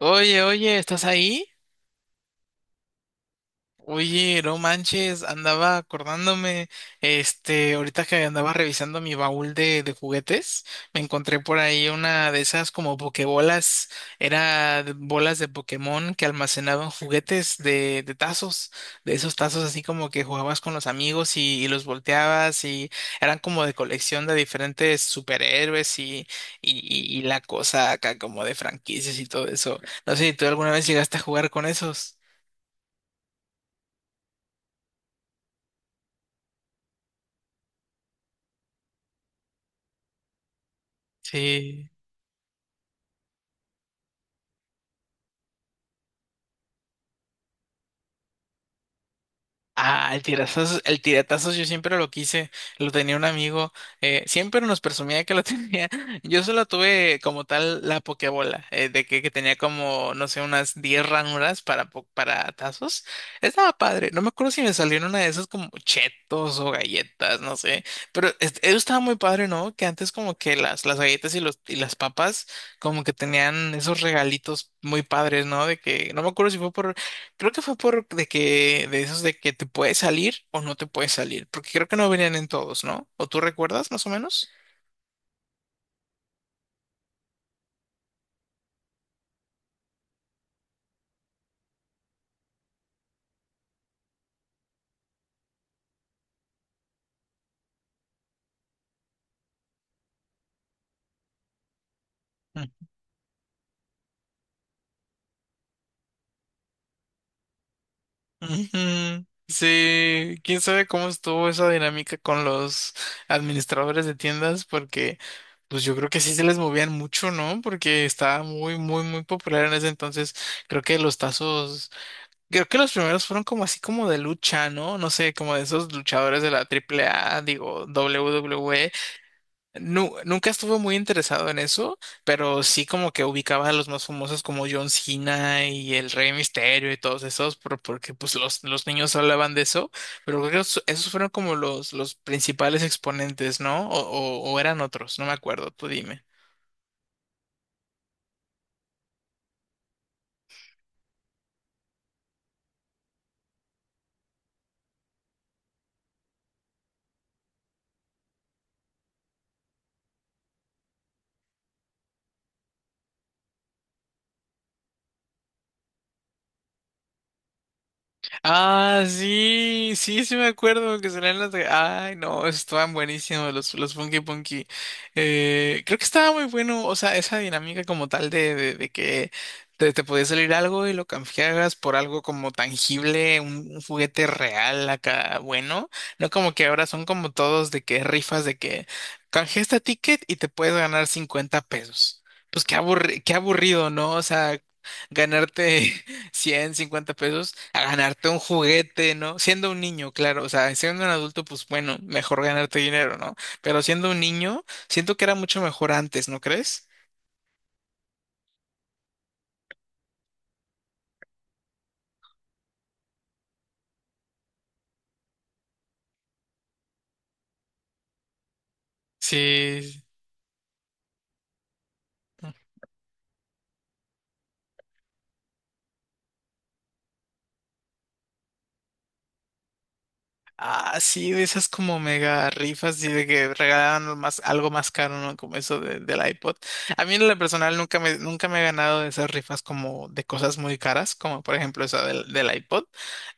Oye, oye, ¿estás ahí? Oye, no manches, andaba acordándome, ahorita que andaba revisando mi baúl de juguetes. Me encontré por ahí una de esas como pokebolas, bolas de Pokémon que almacenaban juguetes de tazos, de esos tazos así como que jugabas con los amigos y los volteabas y eran como de colección de diferentes superhéroes y la cosa acá como de franquicias y todo eso. No sé si tú alguna vez llegaste a jugar con esos. Sí. Ah, el tiratazos yo siempre lo quise, lo tenía un amigo. Siempre nos presumía que lo tenía. Yo solo tuve como tal la pokebola, que tenía como, no sé, unas 10 ranuras para tazos. Estaba padre, no me acuerdo si me salieron una de esas como chetos o galletas, no sé, pero eso estaba muy padre, ¿no? Que antes como que las galletas y las papas como que tenían esos regalitos muy padres, ¿no? De que, no me acuerdo si fue por. Creo que fue por de esos de que te puedes salir o no te puedes salir, porque creo que no venían en todos, ¿no? ¿O tú recuerdas más o menos? Mm. Ujú. Sí, quién sabe cómo estuvo esa dinámica con los administradores de tiendas, porque pues yo creo que sí se les movían mucho, ¿no? Porque estaba muy, muy, muy popular en ese entonces. Creo que los tazos. Creo que los primeros fueron como así como de lucha, ¿no? No sé, como de esos luchadores de la triple A, digo, WWE. Nunca estuve muy interesado en eso, pero sí como que ubicaba a los más famosos como John Cena y el Rey Misterio y todos esos, porque pues los niños hablaban de eso, pero creo que esos fueron como los principales exponentes, ¿no? O eran otros, no me acuerdo, tú dime. Ah, sí, sí, sí me acuerdo que salían las, Ay, no, estaban buenísimos los Funky Punky. Creo que estaba muy bueno, o sea, esa dinámica como tal de que te podía salir algo y lo canjeabas por algo como tangible, un juguete real acá, bueno. No como que ahora son como todos de que rifas de que canjea este ticket y te puedes ganar 50 pesos. Pues qué aburrido, ¿no? O sea, ganarte 100, 50 pesos a ganarte un juguete, ¿no? Siendo un niño, claro, o sea, siendo un adulto, pues bueno, mejor ganarte dinero, ¿no? Pero siendo un niño, siento que era mucho mejor antes, ¿no crees? Sí. Ah, sí, de esas como mega rifas y de que regalaban lo más, algo más caro, ¿no? Como eso del iPod. A mí en lo personal nunca me he ganado de esas rifas como de cosas muy caras, como por ejemplo esa del iPod.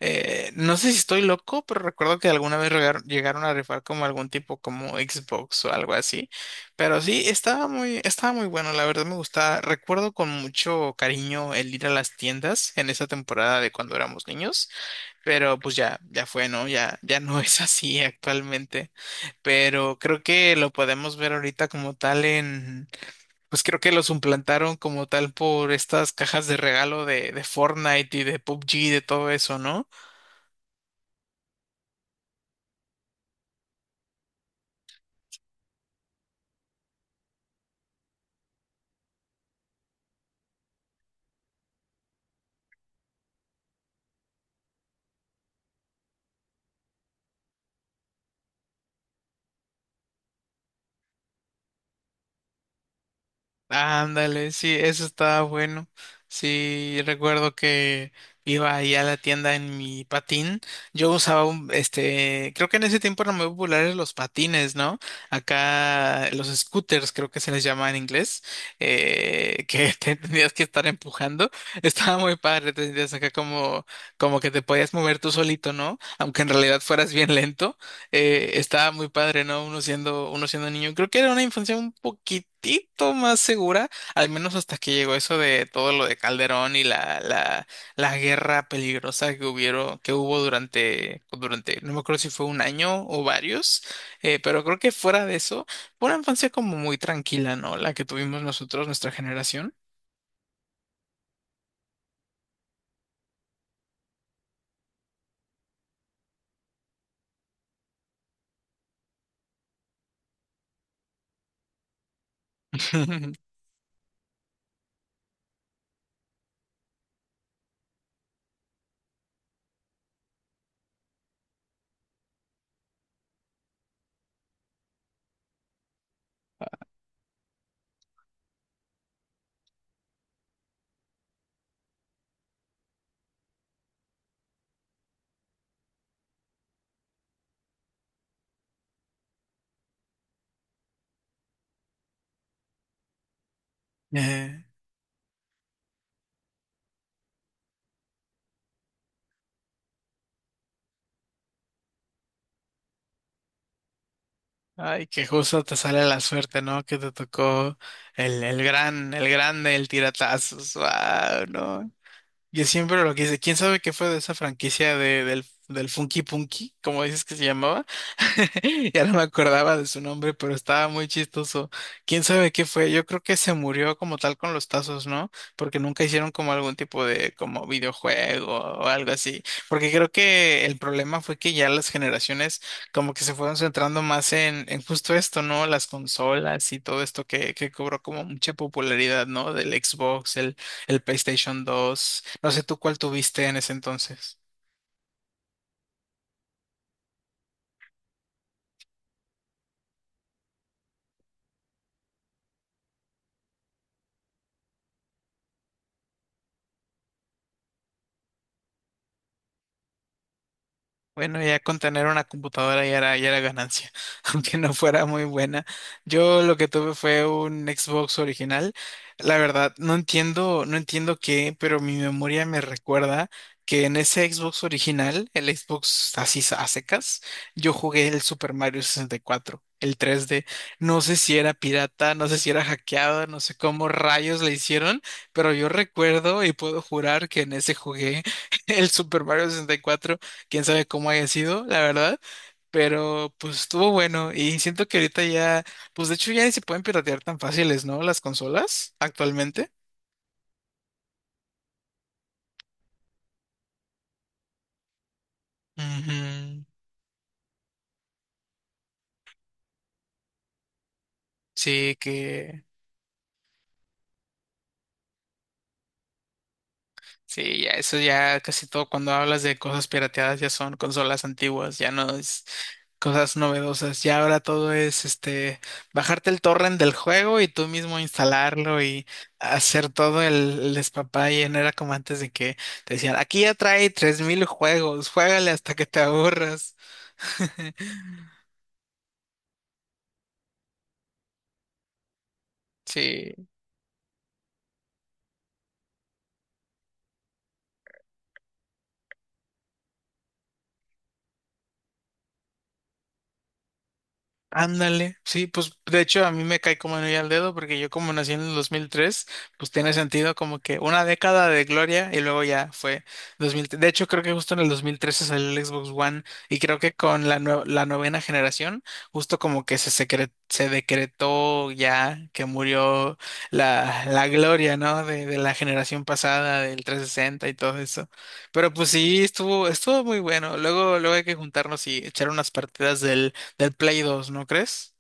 No sé si estoy loco, pero recuerdo que alguna vez llegaron a rifar como algún tipo como Xbox o algo así. Pero sí, estaba muy bueno, la verdad me gustaba. Recuerdo con mucho cariño el ir a las tiendas en esa temporada de cuando éramos niños, pero pues ya, ya fue, ¿no? Ya, ya no es así actualmente. Pero creo que lo podemos ver ahorita como tal en, pues creo que lo suplantaron como tal por estas cajas de regalo de Fortnite y de PUBG y de todo eso, ¿no? Ándale, sí, eso estaba bueno. Sí, recuerdo que iba ahí a la tienda en mi patín. Yo usaba un, creo que en ese tiempo eran muy populares los patines, ¿no? Acá los scooters, creo que se les llama en inglés, que te tenías que estar empujando. Estaba muy padre, te sentías acá como, como que te podías mover tú solito, ¿no? Aunque en realidad fueras bien lento, estaba muy padre, ¿no? Uno siendo niño. Creo que era una infancia un poquitito más segura, al menos hasta que llegó eso de todo lo de Calderón y la guerra peligrosa que hubieron, que hubo durante, no me acuerdo si fue un año o varios. Pero creo que fuera de eso, fue una infancia como muy tranquila, ¿no? La que tuvimos nosotros, nuestra generación. Eh, Ay, que justo te sale la suerte, ¿no? Que te tocó el grande, el tiratazos. Wow, no. Yo siempre lo quise. ¿Quién sabe qué fue de esa franquicia del Funky Punky, como dices que se llamaba? Ya no me acordaba de su nombre, pero estaba muy chistoso. ¿Quién sabe qué fue? Yo creo que se murió como tal con los tazos, ¿no? Porque nunca hicieron como algún tipo de como videojuego o algo así. Porque creo que el problema fue que ya las generaciones como que se fueron centrando más en justo esto, ¿no? Las consolas y todo esto que cobró como mucha popularidad, ¿no? Del Xbox, el PlayStation 2. No sé tú cuál tuviste en ese entonces. Bueno, ya con tener una computadora ya era ganancia, aunque no fuera muy buena. Yo lo que tuve fue un Xbox original. La verdad, no entiendo qué, pero mi memoria me recuerda que en ese Xbox original, el Xbox así a secas, yo jugué el Super Mario 64, el 3D. No sé si era pirata, no sé si era hackeado, no sé cómo rayos le hicieron, pero yo recuerdo y puedo jurar que en ese jugué el Super Mario 64. Quién sabe cómo haya sido, la verdad, pero pues estuvo bueno y siento que ahorita ya, pues de hecho ya ni se pueden piratear tan fáciles, ¿no? Las consolas actualmente. Ujú. Sí, que sí, ya eso ya casi todo cuando hablas de cosas pirateadas ya son consolas antiguas, ya no es cosas novedosas. Ya ahora todo es este bajarte el torrent del juego y tú mismo instalarlo y hacer todo el despapaye. No era como antes de que te decían, aquí ya trae 3,000 juegos, juégale hasta que te aburras. Sí. Ándale, sí, pues de hecho a mí me cae como anillo al dedo porque yo como nací en el 2003, pues tiene sentido como que una década de gloria y luego ya fue 2003. De hecho creo que justo en el 2013 salió el Xbox One y creo que con la novena generación justo como que se, se decretó ya que murió la gloria, ¿no? De la generación pasada del 360 y todo eso. Pero pues sí, estuvo, estuvo muy bueno. Luego, luego hay que juntarnos y echar unas partidas del Play 2, ¿no crees?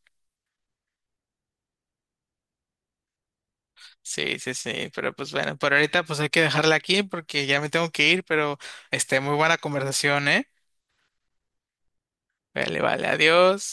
Sí, sí, sí, pero pues bueno, por ahorita pues hay que dejarla aquí porque ya me tengo que ir, pero muy buena conversación, ¿eh? Vale, vale, adiós.